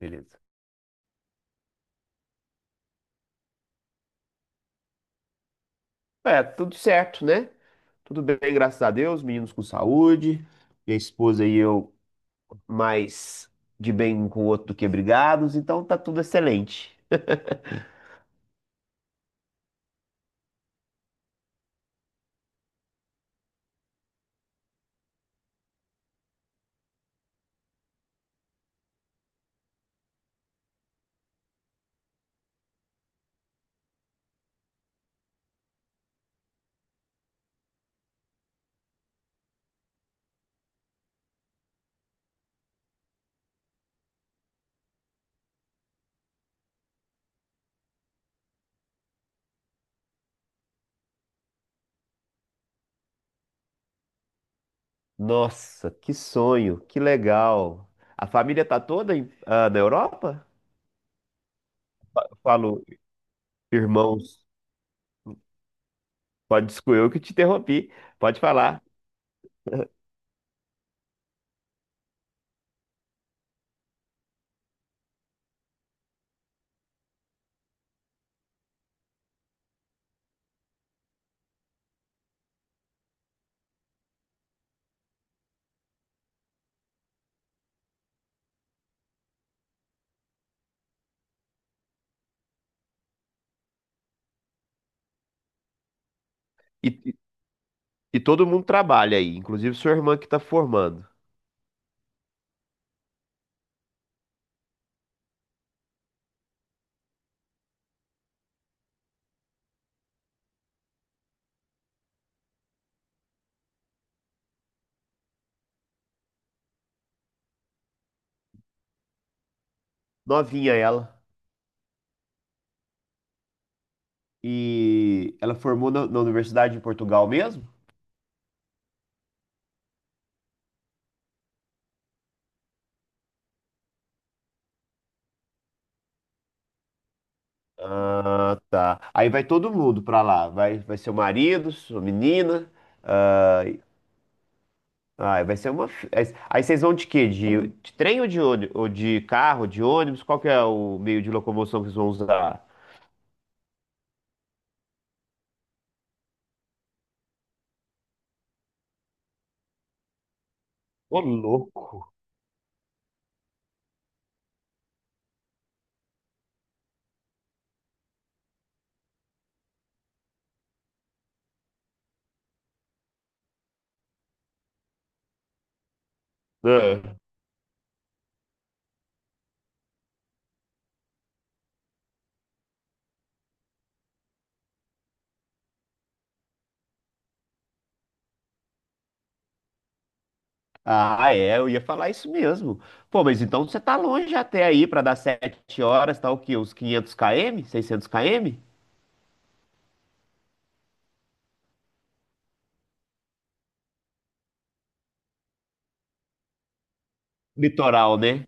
Beleza. É, tudo certo, né? Tudo bem, graças a Deus, meninos com saúde, minha esposa e eu mais de bem um com o outro do que brigados, então tá tudo excelente. Nossa, que sonho, que legal. A família tá toda na Europa? Eu falo, irmãos, pode desculpa, eu que te interrompi, pode falar. E, e e todo mundo trabalha aí, inclusive sua irmã que tá formando. Novinha ela. E ela formou na Universidade de Portugal mesmo? Ah, tá. Aí vai todo mundo pra lá. Vai, vai seu marido, sua menina. ah, vai ser uma. Fi- Aí vocês vão de quê? De trem ou ou de carro, de ônibus? Qual que é o meio de locomoção que vocês vão usar? Ô, louco. Ah, Ah, é, eu ia falar isso mesmo. Pô, mas então você tá longe até aí pra dar 7 horas, tá o quê? Uns 500 km? 600 km? Litoral, né?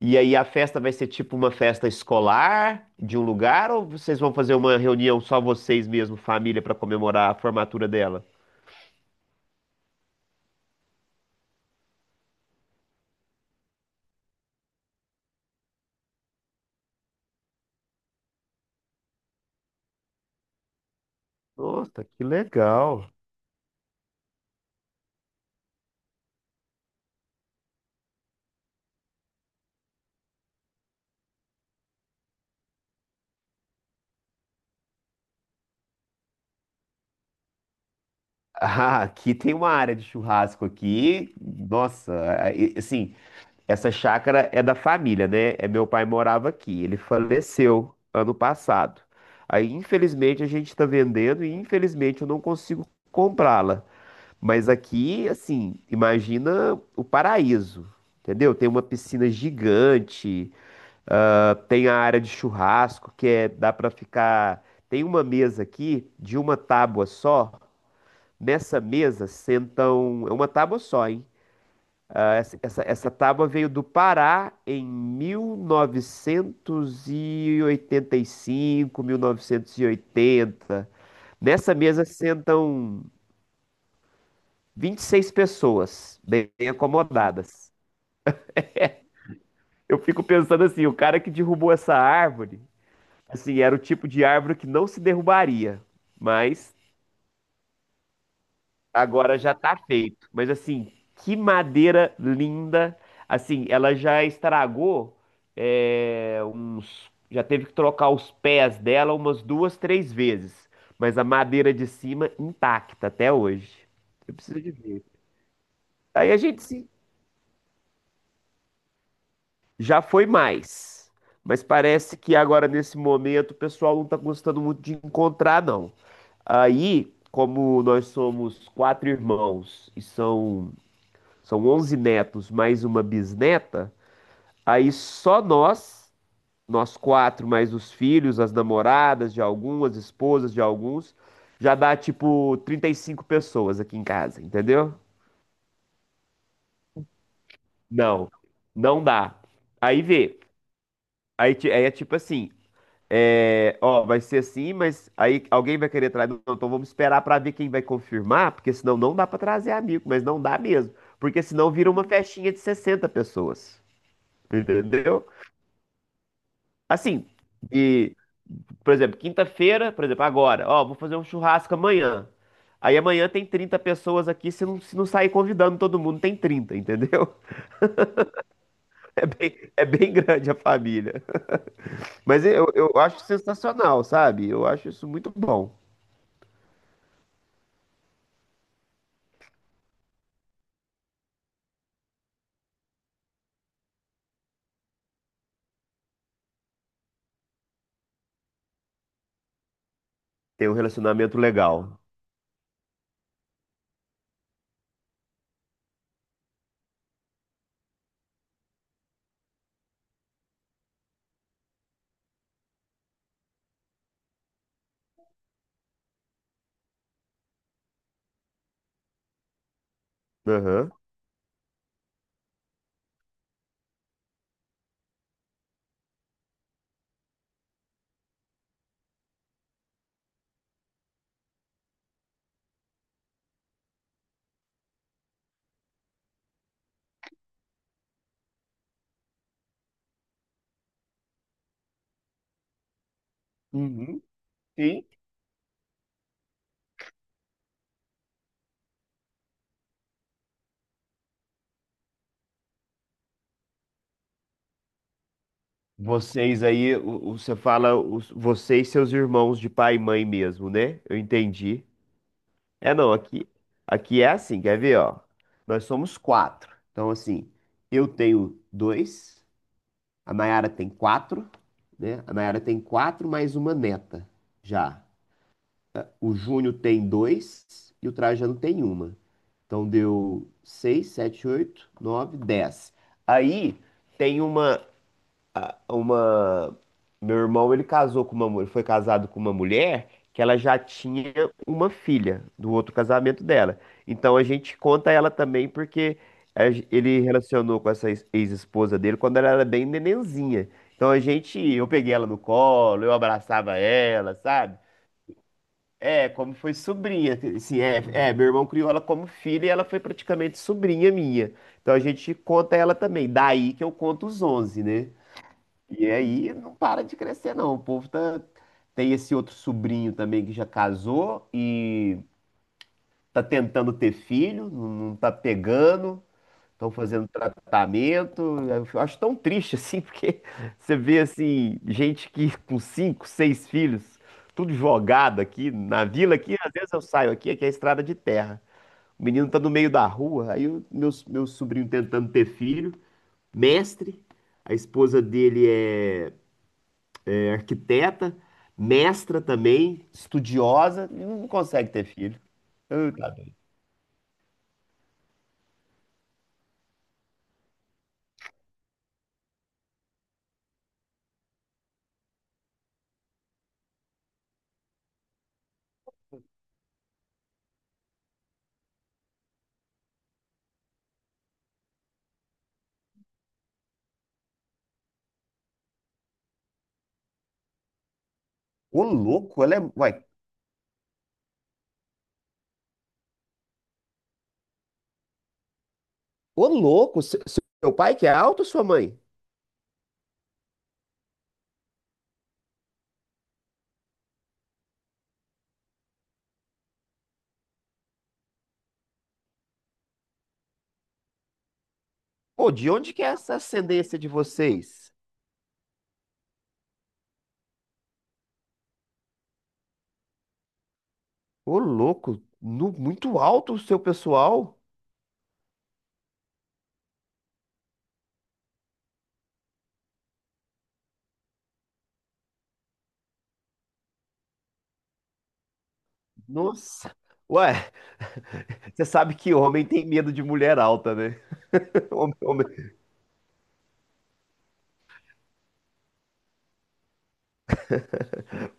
E aí a festa vai ser tipo uma festa escolar de um lugar ou vocês vão fazer uma reunião só vocês mesmo, família, para comemorar a formatura dela? Nossa, que legal. Ah, aqui tem uma área de churrasco aqui. Nossa, aí, assim, essa chácara é da família, né? É meu pai morava aqui. Ele faleceu ano passado. Aí, infelizmente, a gente está vendendo e infelizmente eu não consigo comprá-la. Mas aqui, assim, imagina o paraíso, entendeu? Tem uma piscina gigante, ah, tem a área de churrasco, que é, dá pra ficar. Tem uma mesa aqui de uma tábua só. Nessa mesa sentam. É uma tábua só, hein? Ah, essa tábua veio do Pará em 1985, 1980. Nessa mesa sentam 26 pessoas bem bem acomodadas. Eu fico pensando assim, o cara que derrubou essa árvore, assim, era o tipo de árvore que não se derrubaria, mas agora já tá feito. Mas assim, que madeira linda, assim, ela já estragou é, uns, já teve que trocar os pés dela umas duas, três vezes, mas a madeira de cima intacta até hoje. Eu preciso de ver. Aí a gente se Já foi mais. Mas parece que agora, nesse momento, o pessoal não tá gostando muito de encontrar, não. Aí, como nós somos quatro irmãos e são 11 netos mais uma bisneta, aí só nós, nós quatro, mais os filhos, as namoradas de algumas, esposas de alguns, já dá tipo 35 pessoas aqui em casa, entendeu? Não, não dá. Aí vê. Aí é tipo assim, é, ó, vai ser assim, mas aí alguém vai querer trazer. Não, então vamos esperar pra ver quem vai confirmar, porque senão não dá pra trazer amigo, mas não dá mesmo. Porque senão vira uma festinha de 60 pessoas. Entendeu? Assim, e, por exemplo, quinta-feira, por exemplo, agora, ó, vou fazer um churrasco amanhã. Aí amanhã tem 30 pessoas aqui, se não sair convidando todo mundo, tem 30, entendeu? É bem grande a família. Mas eu acho sensacional, sabe? Eu acho isso muito bom. Tem um relacionamento legal. Aham. Uhum. Sim. Vocês aí, você e seus irmãos de pai e mãe mesmo, né? Eu entendi. É não, aqui, é assim, quer ver, ó? Nós somos quatro. Então, assim, eu tenho dois, a Nayara tem quatro, né? A Nayara tem quatro mais uma neta já. O Júnior tem dois e o Trajano tem uma. Então deu seis, sete, oito, nove, dez. Aí tem uma. a- uma. Meu irmão, ele casou com ele foi casado com uma mulher que ela já tinha uma filha do outro casamento dela. Então a gente conta ela também porque ele relacionou com essa ex-esposa dele quando ela era bem nenenzinha. Então a gente, eu peguei ela no colo, eu abraçava ela, sabe? É, como foi sobrinha, assim, meu irmão criou ela como filha e ela foi praticamente sobrinha minha. Então a gente conta ela também. Daí que eu conto os 11, né? E aí não para de crescer, não. O povo tá. Tem esse outro sobrinho também que já casou e tá tentando ter filho, não tá pegando, estão fazendo tratamento. Eu acho tão triste assim, porque você vê assim, gente que com cinco, seis filhos, tudo jogado aqui na vila, aqui às vezes eu saio aqui, aqui é estrada de terra. O menino tá no meio da rua, aí o meu sobrinho tentando ter filho, mestre, a esposa dele é arquiteta, mestra também, estudiosa, e não consegue ter filho. Tá doido. Ô louco, ela é. Uai, ô louco, seu pai que é alto ou sua mãe? Pô, de onde que é essa ascendência de vocês? Ô louco, muito alto o seu pessoal? Nossa. Ué, você sabe que homem tem medo de mulher alta, né? Homem, homem.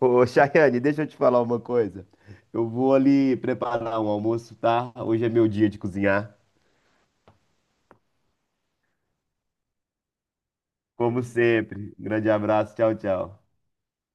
Ô, Chayane, deixa eu te falar uma coisa. Eu vou ali preparar um almoço, tá? Hoje é meu dia de cozinhar. Como sempre. Grande abraço. Tchau, tchau.